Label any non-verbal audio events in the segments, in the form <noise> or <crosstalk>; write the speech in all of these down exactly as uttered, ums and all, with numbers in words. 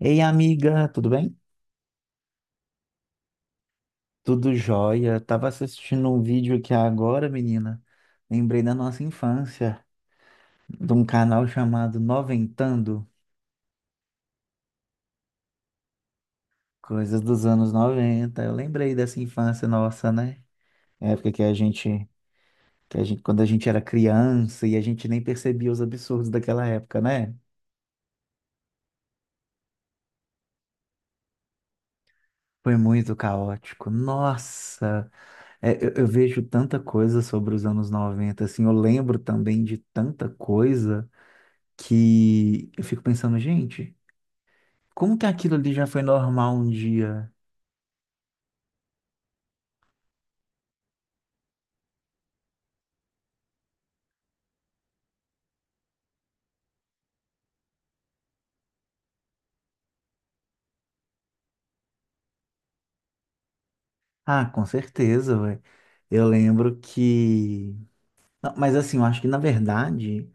Ei, amiga, tudo bem? Tudo jóia. Tava assistindo um vídeo aqui agora, menina. Lembrei da nossa infância, de um canal chamado Noventando, coisas dos anos noventa. Eu lembrei dessa infância nossa, né? Época que a gente, que a gente, quando a gente era criança e a gente nem percebia os absurdos daquela época, né? Foi muito caótico. Nossa, é, eu, eu vejo tanta coisa sobre os anos noventa, assim, eu lembro também de tanta coisa que eu fico pensando, gente, como que aquilo ali já foi normal um dia? Ah, com certeza, ué. Eu lembro que. Não, mas assim, eu acho que na verdade,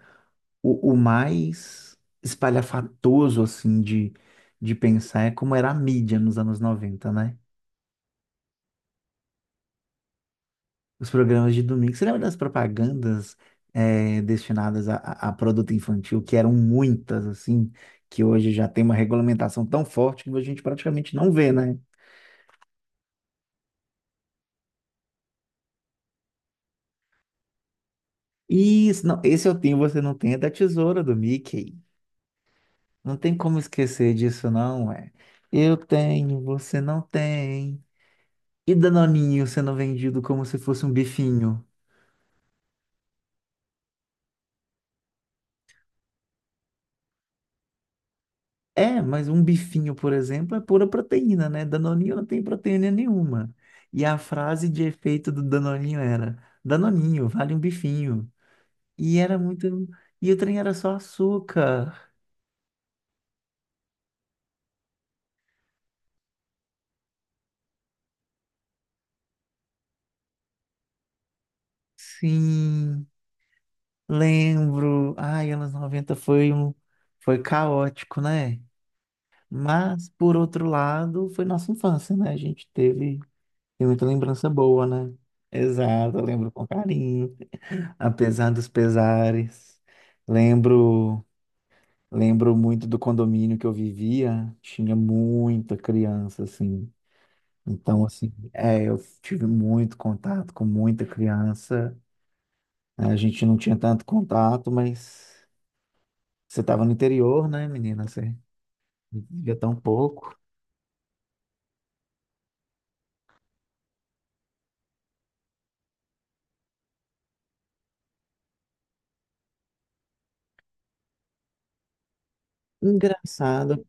o, o mais espalhafatoso, assim, de, de pensar é como era a mídia nos anos noventa, né? Os programas de domingo. Você lembra das propagandas eh, destinadas a, a a produto infantil, que eram muitas, assim, que hoje já tem uma regulamentação tão forte que a gente praticamente não vê, né? Isso, não, esse eu tenho, você não tem, é da tesoura do Mickey. Não tem como esquecer disso, não, é. Eu tenho, você não tem. E Danoninho sendo vendido como se fosse um bifinho. É, mas um bifinho, por exemplo, é pura proteína, né? Danoninho não tem proteína nenhuma. E a frase de efeito do Danoninho era: Danoninho, vale um bifinho. E era muito. E o trem era só açúcar. Sim. Lembro, ai, anos noventa foi um foi caótico, né? Mas por outro lado, foi nossa infância, né? A gente teve, tem muita lembrança boa, né? Exato, eu lembro com carinho, apesar dos pesares. Lembro, lembro muito do condomínio que eu vivia, tinha muita criança assim. Então, assim, é, eu tive muito contato com muita criança, né? A gente não tinha tanto contato, mas você estava no interior, né, menina? Você vivia tão pouco. Engraçado.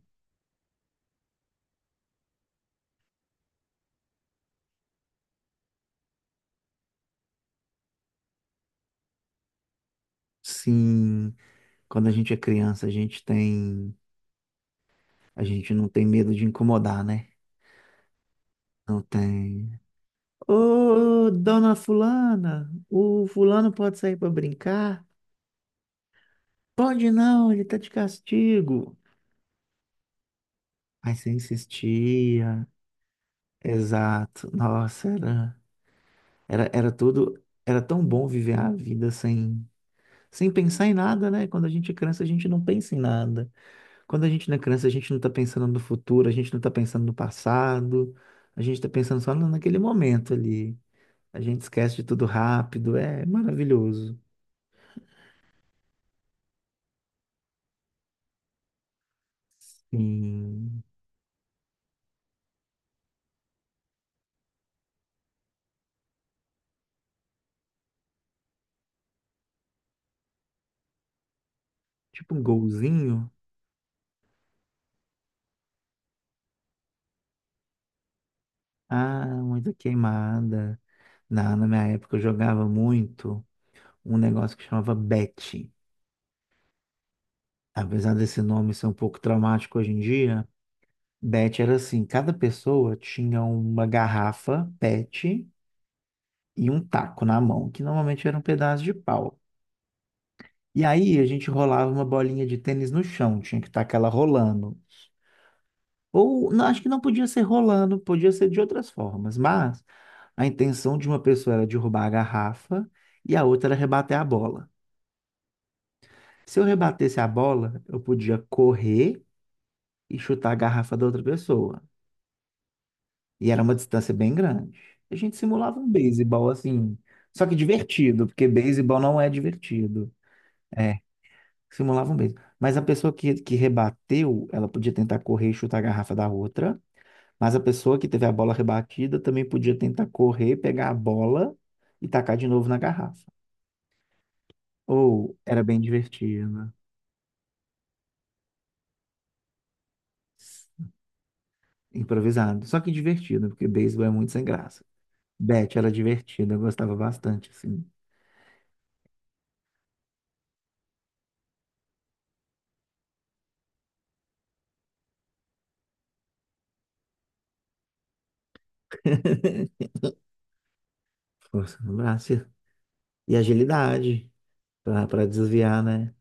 Sim, quando a gente é criança, a gente tem, a gente não tem medo de incomodar, né? Não tem. Ô, dona fulana, o fulano pode sair para brincar? Pode não, ele tá de castigo. Aí você insistia. Exato. Nossa, era, era, era tudo, era tão bom viver a vida sem, sem pensar em nada, né? Quando a gente é criança, a gente não pensa em nada. Quando a gente não é criança, a gente não está pensando no futuro, a gente não está pensando no passado, a gente está pensando só na- naquele momento ali. A gente esquece de tudo rápido, é maravilhoso. Sim, tipo um golzinho. Ah, muita queimada. Na, na minha época eu jogava muito um negócio que chamava Bet. Apesar desse nome ser um pouco traumático hoje em dia, Bet era assim, cada pessoa tinha uma garrafa P E T e um taco na mão, que normalmente era um pedaço de pau. E aí a gente rolava uma bolinha de tênis no chão, tinha que estar aquela rolando. Ou não, acho que não podia ser rolando, podia ser de outras formas, mas a intenção de uma pessoa era derrubar a garrafa e a outra era rebater a bola. Se eu rebatesse a bola, eu podia correr e chutar a garrafa da outra pessoa. E era uma distância bem grande. A gente simulava um beisebol assim, só que divertido, porque beisebol não é divertido. É, simulava um beijo. Mas a pessoa que, que rebateu, ela podia tentar correr e chutar a garrafa da outra. Mas a pessoa que teve a bola rebatida também podia tentar correr, pegar a bola e tacar de novo na garrafa. Ou era bem divertido, improvisado. Só que divertido, porque beisebol é muito sem graça. Bet era divertido, eu gostava bastante, assim. <laughs> Força no braço e agilidade para desviar, né?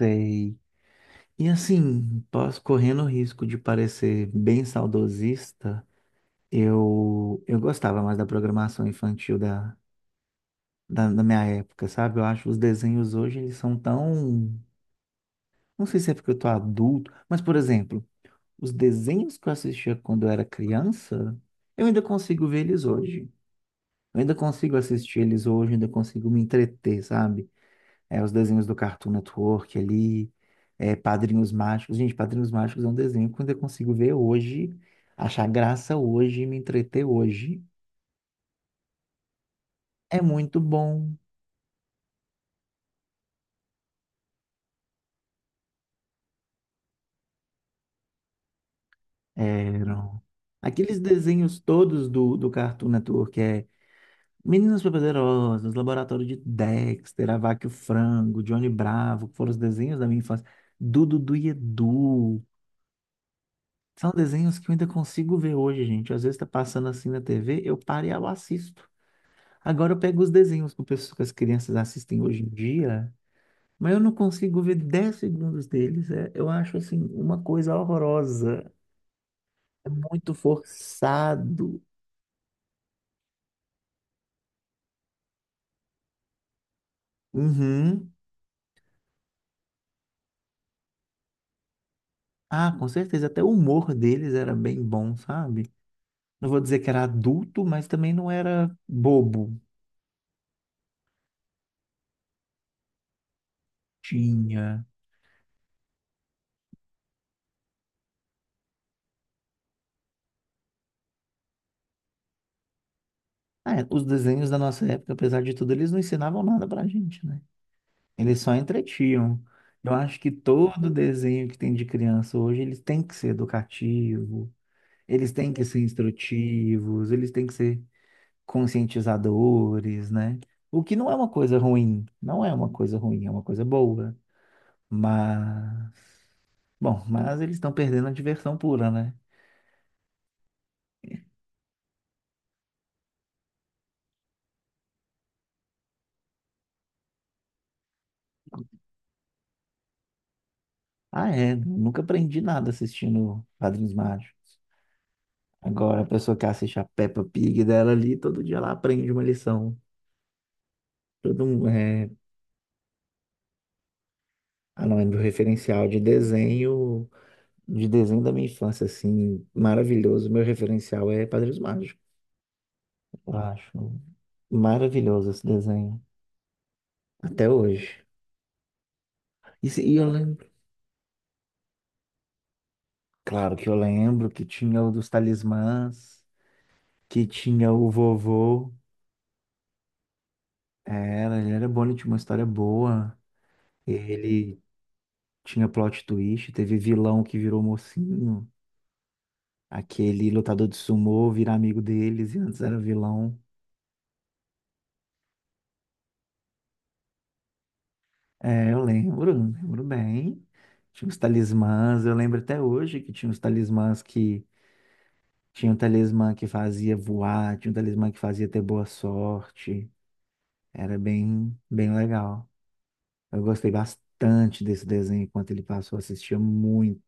Sei. E assim, posso correndo o risco de parecer bem saudosista, eu, eu gostava mais da programação infantil da, da, da minha época, sabe? Eu acho que os desenhos hoje eles são tão. Não sei se é porque eu tô adulto, mas, por exemplo, os desenhos que eu assistia quando eu era criança, eu ainda consigo ver eles hoje. Eu ainda consigo assistir eles hoje, ainda consigo me entreter, sabe? É, os desenhos do Cartoon Network ali, é, Padrinhos Mágicos. Gente, Padrinhos Mágicos é um desenho que eu ainda consigo ver hoje, achar graça hoje, me entreter hoje. É muito bom. Eram aqueles desenhos todos do, do Cartoon Network, é, Meninas Superpoderosas, Laboratório de Dexter, A Vaca e o Frango, Johnny Bravo, que foram os desenhos da minha infância. Dudu Dudu e Edu. São desenhos que eu ainda consigo ver hoje, gente. Às vezes tá passando assim na T V, eu paro e eu assisto. Agora eu pego os desenhos que o pessoal- que as crianças assistem hoje em dia, mas eu não consigo ver dez segundos deles. É, eu acho assim uma coisa horrorosa. É muito forçado. Uhum. Ah, com certeza. Até o humor deles era bem bom, sabe? Não vou dizer que era adulto, mas também não era bobo. Tinha. Ah, é, os desenhos da nossa época, apesar de tudo, eles não ensinavam nada pra gente, né? Eles só entretinham. Eu acho que todo desenho que tem de criança hoje, eles têm que ser educativo, eles têm que ser instrutivos, eles têm que ser conscientizadores, né? O que não é uma coisa ruim, não é uma coisa ruim, é uma coisa boa. Mas, bom, mas eles estão perdendo a diversão pura, né? Ah, é, nunca aprendi nada assistindo Padrinhos Mágicos. Agora, a pessoa que assiste a Peppa Pig dela ali, todo dia ela aprende uma lição. Todo mundo, ah, não, é meu referencial de desenho, de desenho da minha infância, assim, maravilhoso. Meu referencial é Padrinhos Mágicos. Eu acho maravilhoso esse desenho, até hoje. E, se- e eu lembro, claro que eu lembro que tinha o dos talismãs, que tinha o vovô. Era, ele era bom, ele tinha uma história boa. Ele tinha plot twist, teve vilão que virou mocinho, aquele lutador de sumô virar amigo deles, e antes era vilão. É, eu lembro, lembro bem. Tinha os talismãs, eu lembro até hoje que tinha os talismãs, que tinha um talismã que fazia voar, tinha um talismã que fazia ter boa sorte. Era bem, bem legal. Eu gostei bastante desse desenho enquanto ele passou, eu assistia muito.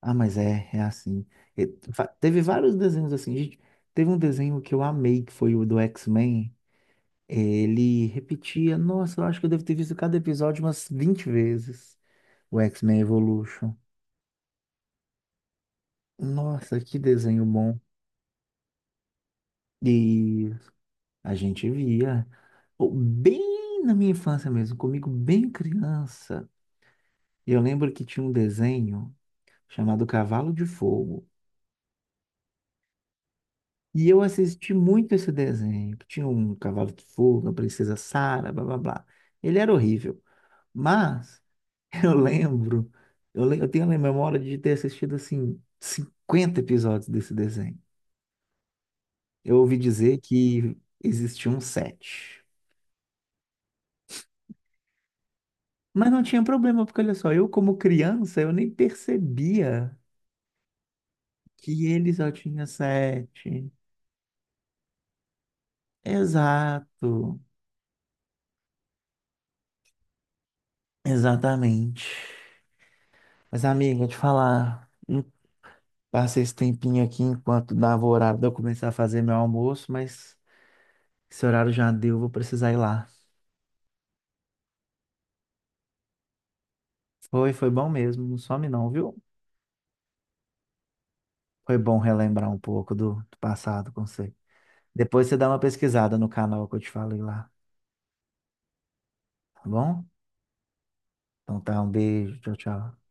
Ah, mas é, é assim. E fa- teve vários desenhos assim, gente. Teve um desenho que eu amei, que foi o do X-Men. Ele repetia, nossa, eu acho que eu devo ter visto cada episódio umas vinte vezes. O X-Men Evolution. Nossa, que desenho bom. E a gente via oh, bem na minha infância mesmo, comigo bem criança. E eu lembro que tinha um desenho chamado Cavalo de Fogo. E eu assisti muito esse desenho, que tinha um cavalo de fogo, a princesa Sara, blá blá blá. Ele era horrível, mas <laughs> eu lembro, eu, le- eu tenho a memória de ter assistido assim cinquenta episódios desse desenho. Eu ouvi dizer que existia um sete. Mas não tinha problema, porque olha só, eu como criança, eu nem percebia que ele só tinha sete. Exato, exatamente. Mas amiga, te falar, eu passei esse tempinho aqui enquanto dava o horário de eu começar a fazer meu almoço, mas esse horário já deu, vou precisar ir lá. Foi, foi bom mesmo, não some não, viu? Foi bom relembrar um pouco do, do passado com você. Depois você dá uma pesquisada no canal que eu te falei lá. Tá bom? Então tá, um beijo. Tchau, tchau.